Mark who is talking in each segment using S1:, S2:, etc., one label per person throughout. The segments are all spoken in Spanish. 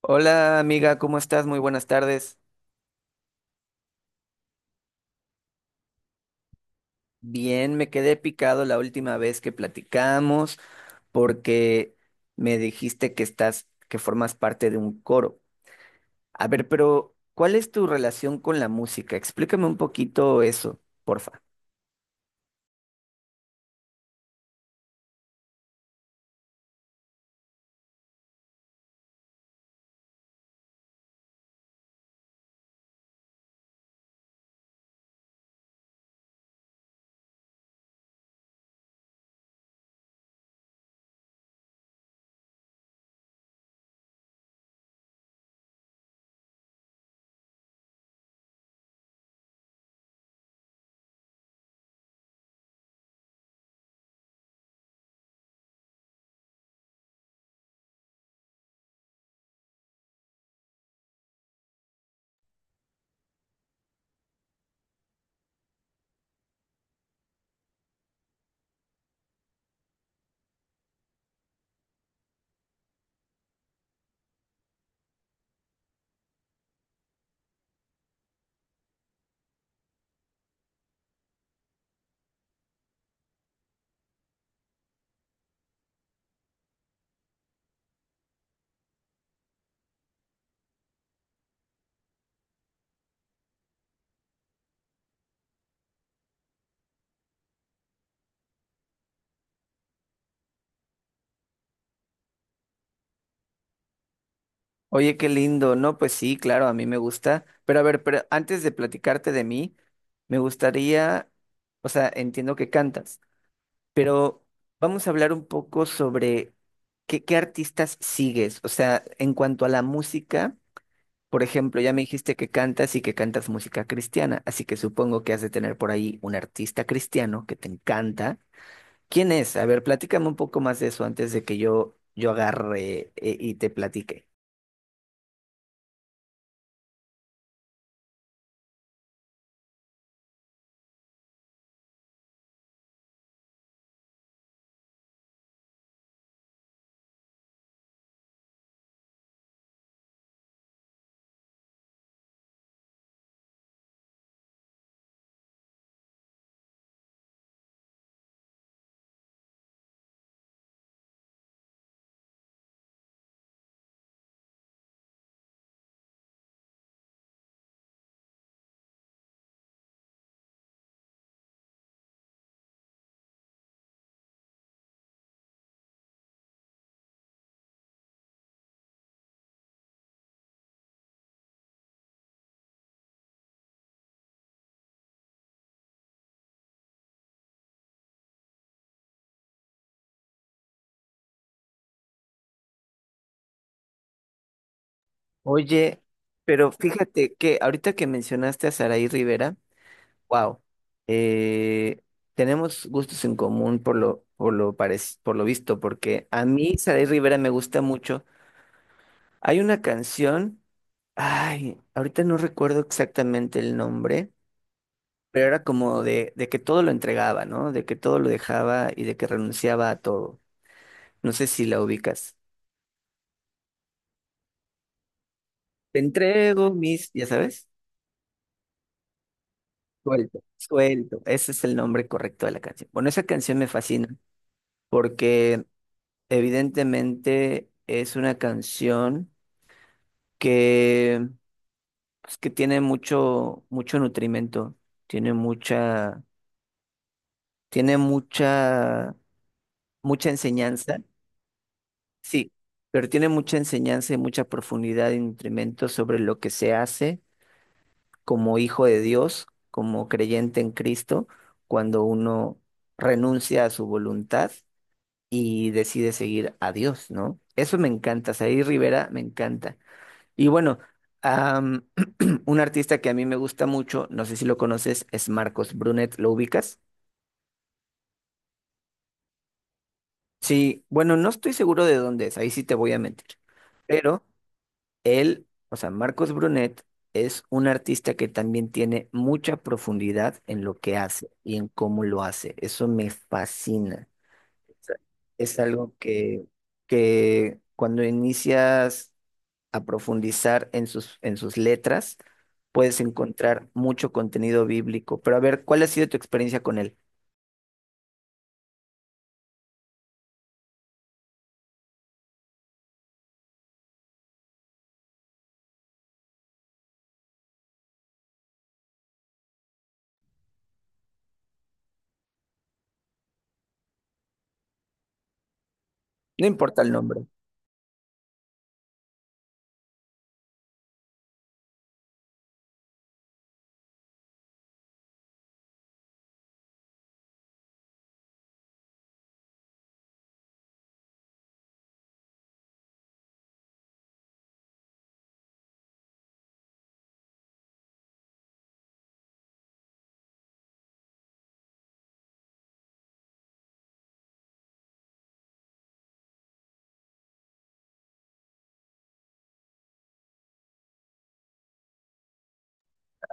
S1: Hola amiga, ¿cómo estás? Muy buenas tardes. Bien, me quedé picado la última vez que platicamos porque me dijiste que formas parte de un coro. A ver, pero ¿cuál es tu relación con la música? Explícame un poquito eso, porfa. Oye, qué lindo. No, pues sí, claro, a mí me gusta. Pero a ver, pero antes de platicarte de mí, me gustaría, o sea, entiendo que cantas. Pero vamos a hablar un poco sobre qué artistas sigues. O sea, en cuanto a la música, por ejemplo, ya me dijiste que cantas y que cantas música cristiana, así que supongo que has de tener por ahí un artista cristiano que te encanta. ¿Quién es? A ver, platícame un poco más de eso antes de que yo agarre y te platique. Oye, pero fíjate que ahorita que mencionaste a Saraí Rivera. Wow. Eh, Tenemos gustos en común por por lo visto, porque a mí Saray Rivera me gusta mucho. Hay una canción, ay, ahorita no recuerdo exactamente el nombre, pero era como de que todo lo entregaba, ¿no? De que todo lo dejaba y de que renunciaba a todo. No sé si la ubicas. Te entrego mis, ya sabes, suelto. Ese es el nombre correcto de la canción. Bueno, esa canción me fascina porque evidentemente es una canción que, pues, que tiene mucho, mucho nutrimento, tiene mucha, tiene mucha, mucha enseñanza, sí, pero tiene mucha enseñanza y mucha profundidad y nutrimento sobre lo que se hace como hijo de Dios, como creyente en Cristo, cuando uno renuncia a su voluntad y decide seguir a Dios, ¿no? Eso me encanta, Said Rivera me encanta. Y bueno, am, un artista que a mí me gusta mucho, no sé si lo conoces, es Marcos Brunet, ¿lo ubicas? Sí, bueno, no estoy seguro de dónde es, ahí sí te voy a mentir. Pero él, o sea, Marcos Brunet es un artista que también tiene mucha profundidad en lo que hace y en cómo lo hace. Eso me fascina. O sea, es algo que cuando inicias a profundizar en sus letras, puedes encontrar mucho contenido bíblico. Pero a ver, ¿cuál ha sido tu experiencia con él? No importa el nombre.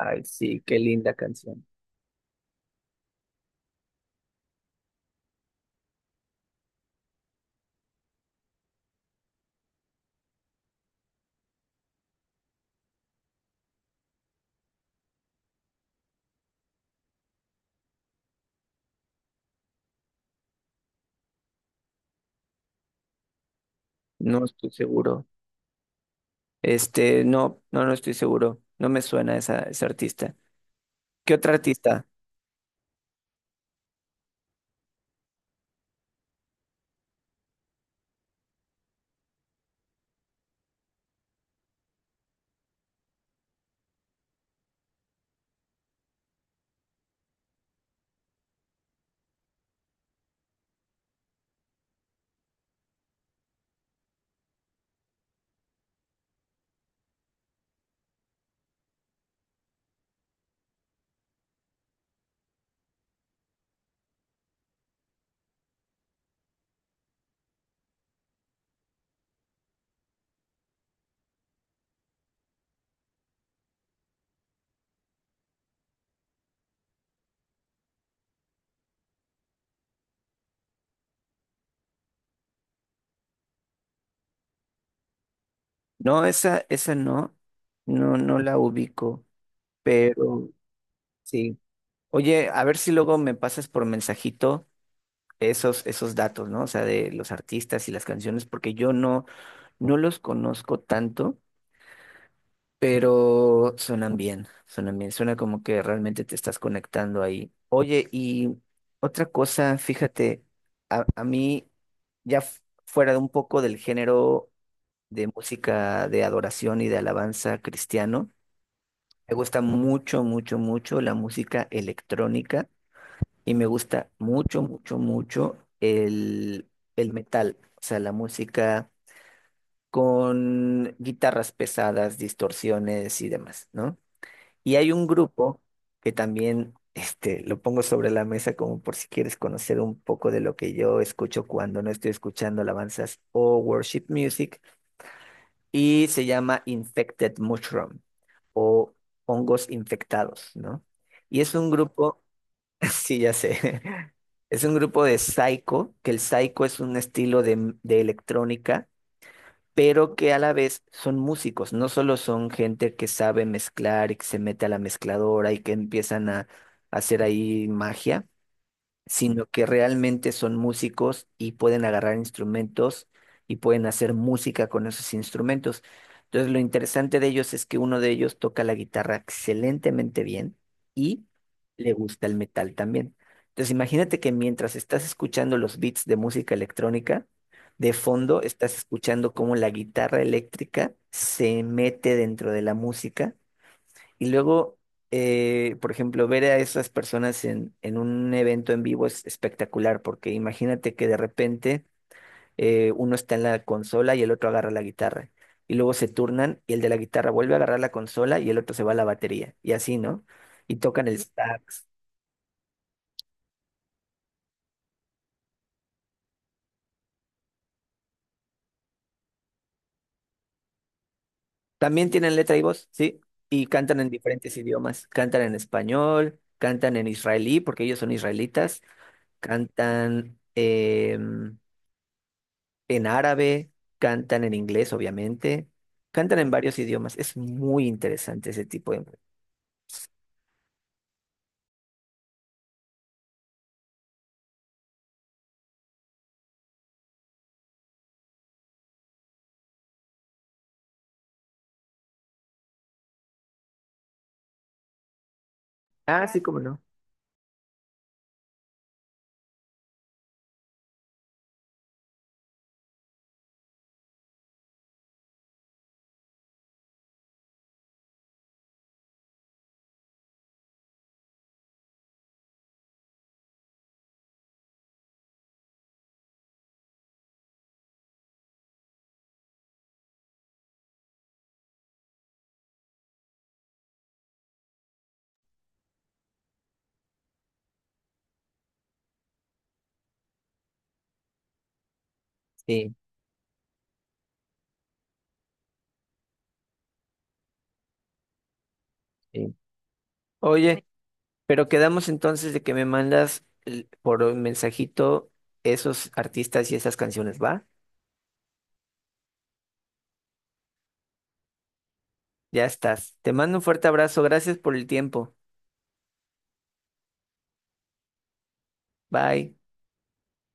S1: Ay, sí, qué linda canción. No estoy seguro. Este, no estoy seguro. No me suena esa, ese artista. ¿Qué otra artista? No, esa no. No, no la ubico. Pero sí. Oye, a ver si luego me pasas por mensajito esos datos, ¿no? O sea, de los artistas y las canciones, porque yo no. No los conozco tanto, pero suenan bien, suena como que realmente te estás conectando ahí. Oye, y otra cosa, fíjate, a mí, ya f- fuera de un poco del género de música de adoración y de alabanza cristiano, me gusta mucho, mucho, mucho la música electrónica y me gusta mucho, mucho, mucho el metal, o sea, la música con guitarras pesadas, distorsiones y demás, ¿no? Y hay un grupo que también, este, lo pongo sobre la mesa como por si quieres conocer un poco de lo que yo escucho cuando no estoy escuchando alabanzas o worship music, y se llama Infected Mushroom o hongos infectados, ¿no? Y es un grupo, sí, ya sé, es un grupo de psycho, que el psycho es un estilo de electrónica, pero que a la vez son músicos, no solo son gente que sabe mezclar y que se mete a la mezcladora y que empiezan a hacer ahí magia, sino que realmente son músicos y pueden agarrar instrumentos y pueden hacer música con esos instrumentos. Entonces, lo interesante de ellos es que uno de ellos toca la guitarra excelentemente bien y le gusta el metal también. Entonces, imagínate que mientras estás escuchando los beats de música electrónica, de fondo estás escuchando cómo la guitarra eléctrica se mete dentro de la música y luego, por ejemplo, ver a esas personas en un evento en vivo es espectacular, porque imagínate que de repente uno está en la consola y el otro agarra la guitarra. Y luego se turnan y el de la guitarra vuelve a agarrar la consola y el otro se va a la batería. Y así, ¿no? Y tocan el sax. También tienen letra y voz, ¿sí? Y cantan en diferentes idiomas. Cantan en español, cantan en israelí, porque ellos son israelitas. Cantan en árabe, cantan en inglés, obviamente, cantan en varios idiomas. Es muy interesante ese tipo de... Ah, sí, cómo no. Sí, sí. Oye, pero quedamos entonces de que me mandas l- por un mensajito esos artistas y esas canciones, ¿va? Ya estás. Te mando un fuerte abrazo. Gracias por el tiempo. Bye.